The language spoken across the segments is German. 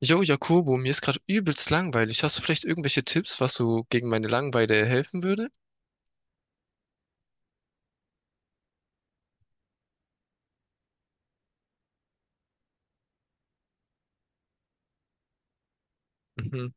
Jo, Jakobo, mir ist gerade übelst langweilig. Hast du vielleicht irgendwelche Tipps, was so gegen meine Langeweile helfen würde? Mhm.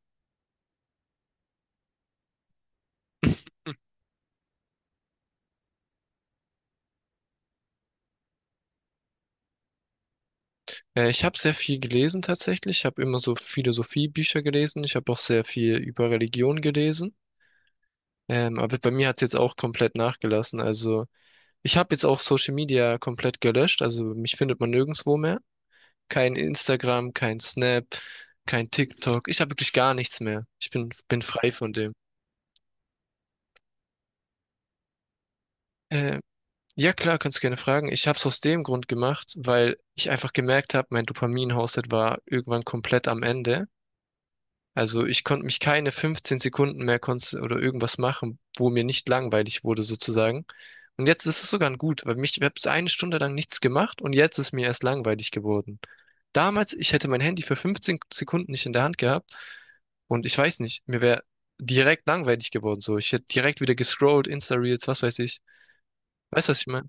Ich habe sehr viel gelesen tatsächlich. Ich habe immer so Philosophiebücher gelesen. Ich habe auch sehr viel über Religion gelesen. Aber bei mir hat's jetzt auch komplett nachgelassen. Also ich habe jetzt auch Social Media komplett gelöscht. Also mich findet man nirgendwo mehr. Kein Instagram, kein Snap, kein TikTok. Ich habe wirklich gar nichts mehr. Ich bin frei von dem. Äh, Ja, klar, kannst gerne fragen. Ich habe es aus dem Grund gemacht, weil ich einfach gemerkt habe, mein Dopamin-Haushalt war irgendwann komplett am Ende. Also ich konnte mich keine 15 Sekunden mehr oder irgendwas machen, wo mir nicht langweilig wurde sozusagen. Und jetzt ist es sogar ein gut, ich habe eine Stunde lang nichts gemacht und jetzt ist mir erst langweilig geworden. Damals, ich hätte mein Handy für 15 Sekunden nicht in der Hand gehabt und ich weiß nicht, mir wäre direkt langweilig geworden. So, ich hätte direkt wieder gescrollt, Insta-Reels, was weiß ich. Weißt du, was ich meine?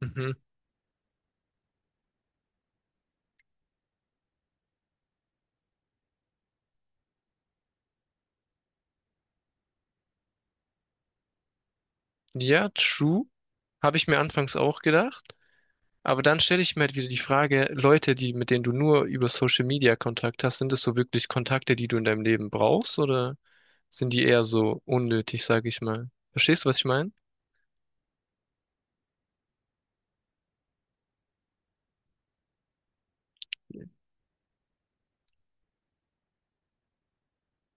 Mhm. Ja, true. Habe ich mir anfangs auch gedacht. Aber dann stelle ich mir halt wieder die Frage, mit denen du nur über Social Media Kontakt hast, sind das so wirklich Kontakte, die du in deinem Leben brauchst oder sind die eher so unnötig, sage ich mal? Verstehst du, was ich meine?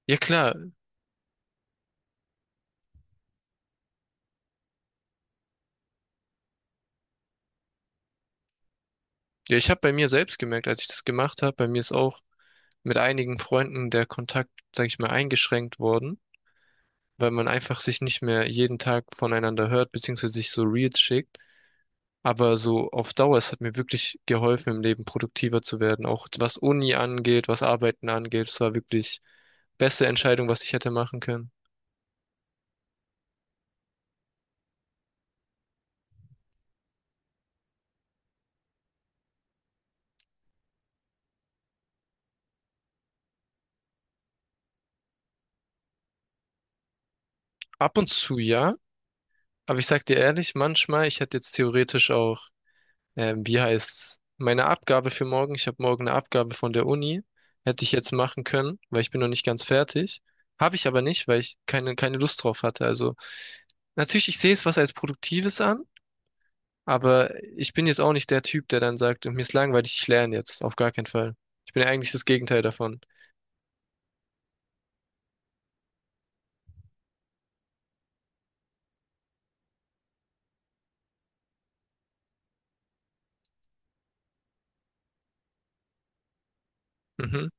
Ja, klar. Ja, ich habe bei mir selbst gemerkt, als ich das gemacht habe, bei mir ist auch mit einigen Freunden der Kontakt, sage ich mal, eingeschränkt worden, weil man einfach sich nicht mehr jeden Tag voneinander hört, beziehungsweise sich so Reels schickt. Aber so auf Dauer, es hat mir wirklich geholfen, im Leben produktiver zu werden. Auch was Uni angeht, was Arbeiten angeht, es war wirklich beste Entscheidung, was ich hätte machen können. Ab und zu ja, aber ich sag dir ehrlich, manchmal, ich hätte jetzt theoretisch auch, wie heißt's, meine Abgabe für morgen, ich habe morgen eine Abgabe von der Uni, hätte ich jetzt machen können, weil ich bin noch nicht ganz fertig. Habe ich aber nicht, weil ich keine Lust drauf hatte. Also natürlich, ich sehe es was als Produktives an. Aber ich bin jetzt auch nicht der Typ, der dann sagt, mir ist langweilig, ich lerne jetzt. Auf gar keinen Fall. Ich bin ja eigentlich das Gegenteil davon. Mhm.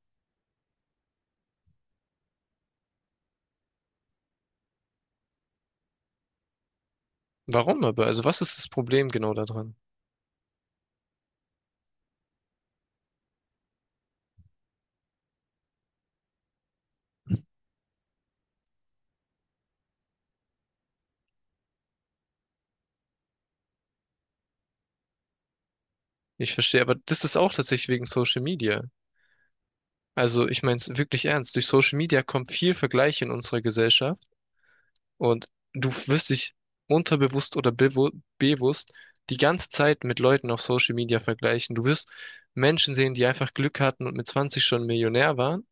Warum aber? Also was ist das Problem genau daran? Ich verstehe, aber das ist auch tatsächlich wegen Social Media. Also ich meine es wirklich ernst. Durch Social Media kommt viel Vergleich in unserer Gesellschaft und du wirst dich unterbewusst oder bewusst die ganze Zeit mit Leuten auf Social Media vergleichen. Du wirst Menschen sehen, die einfach Glück hatten und mit 20 schon Millionär waren,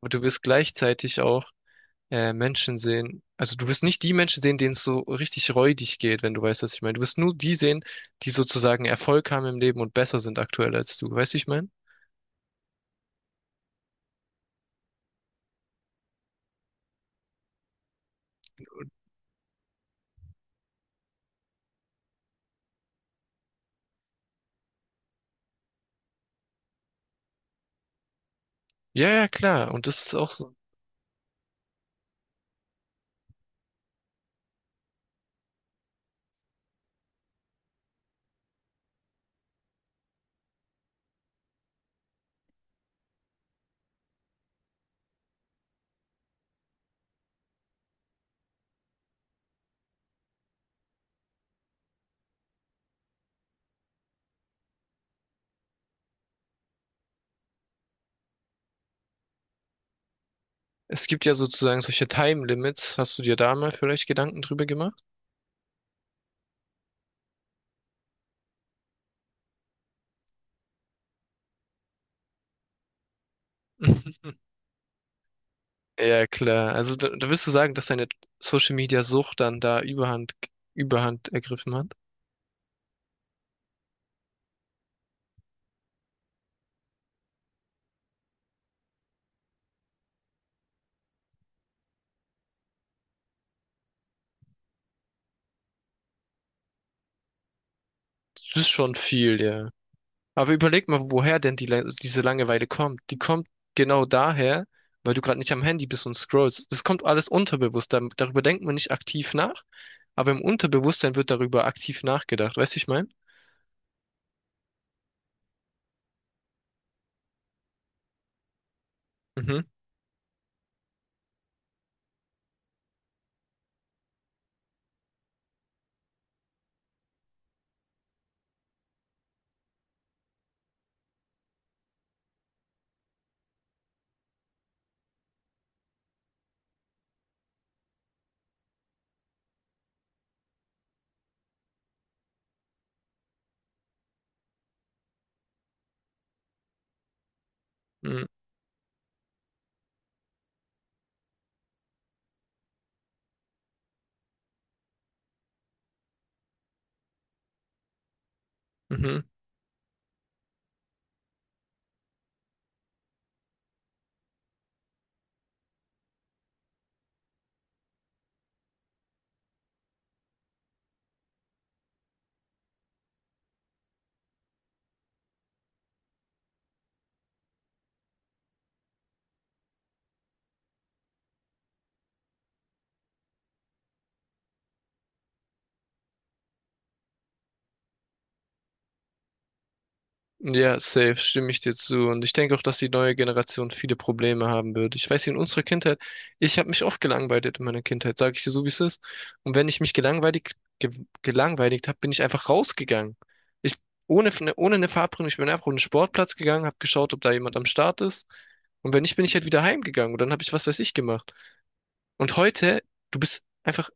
und du wirst gleichzeitig auch Menschen sehen. Also du wirst nicht die Menschen sehen, denen es so richtig räudig geht, wenn du weißt, was ich meine. Du wirst nur die sehen, die sozusagen Erfolg haben im Leben und besser sind aktuell als du. Weißt du, wie ich meine? Ja, ja, klar. Und das ist auch so. Es gibt ja sozusagen solche Time Limits. Hast du dir da mal vielleicht Gedanken drüber gemacht? Ja, klar. Also da, da wirst du sagen, dass deine Social Media Sucht dann da Überhand ergriffen hat. Das ist schon viel, ja. Aber überleg mal, woher denn diese Langeweile kommt. Die kommt genau daher, weil du gerade nicht am Handy bist und scrollst. Das kommt alles unterbewusst. Darüber denkt man nicht aktiv nach, aber im Unterbewusstsein wird darüber aktiv nachgedacht. Weißt du, ich meine? Mhm. Mhm. Mhm. Ja, safe, stimme ich dir zu. Und ich denke auch, dass die neue Generation viele Probleme haben wird. Ich weiß, in unserer Kindheit, ich habe mich oft gelangweilt in meiner Kindheit, sage ich dir so, wie es ist. Und wenn ich mich ge gelangweilt habe, bin ich einfach rausgegangen. Ich, ohne, ohne eine Verabredung, ich bin einfach auf den Sportplatz gegangen, habe geschaut, ob da jemand am Start ist. Und wenn nicht, bin ich halt wieder heimgegangen. Und dann habe ich was weiß ich gemacht. Und heute, du bist einfach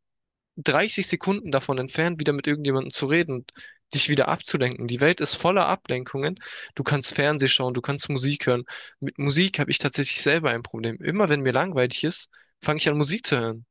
30 Sekunden davon entfernt, wieder mit irgendjemandem zu reden und dich wieder abzulenken. Die Welt ist voller Ablenkungen. Du kannst Fernseh schauen, du kannst Musik hören. Mit Musik habe ich tatsächlich selber ein Problem. Immer wenn mir langweilig ist, fange ich an, Musik zu hören.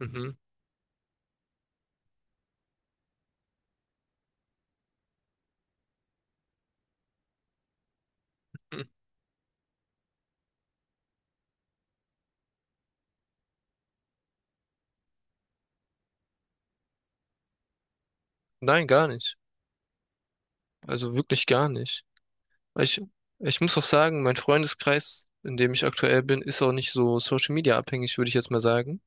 Mhm. Mhm. Nein, gar nicht. Also wirklich gar nicht. Ich, ich muss auch sagen, mein Freundeskreis, in dem ich aktuell bin, ist auch nicht so Social Media abhängig, würde ich jetzt mal sagen.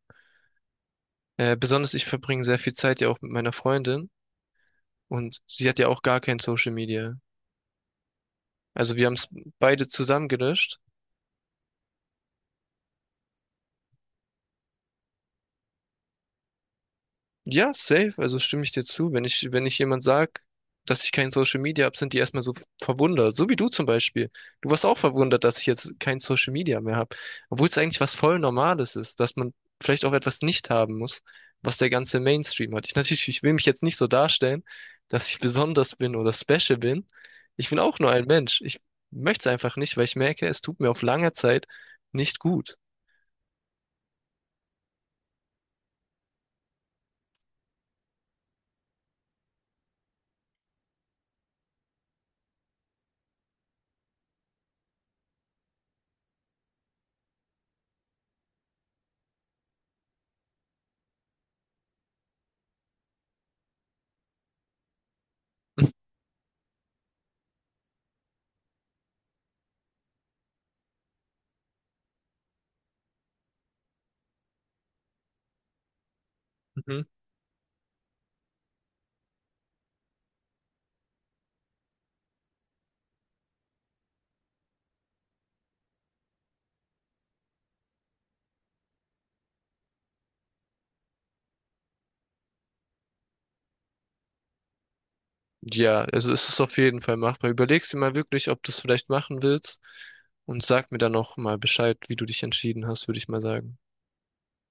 Besonders ich verbringe sehr viel Zeit ja auch mit meiner Freundin und sie hat ja auch gar kein Social Media. Also wir haben es beide zusammen gelöscht. Ja, safe, also stimme ich dir zu. Wenn ich jemand sag, dass ich kein Social Media hab, sind die erstmal so verwundert. So wie du zum Beispiel. Du warst auch verwundert, dass ich jetzt kein Social Media mehr habe. Obwohl es eigentlich was voll Normales ist, dass man vielleicht auch etwas nicht haben muss, was der ganze Mainstream hat. Ich will mich jetzt nicht so darstellen, dass ich besonders bin oder special bin. Ich bin auch nur ein Mensch. Ich möchte es einfach nicht, weil ich merke, es tut mir auf lange Zeit nicht gut. Mhm. Ja, also es ist auf jeden Fall machbar. Überlegst dir mal wirklich, ob du es vielleicht machen willst und sag mir dann noch mal Bescheid, wie du dich entschieden hast, würde ich mal sagen.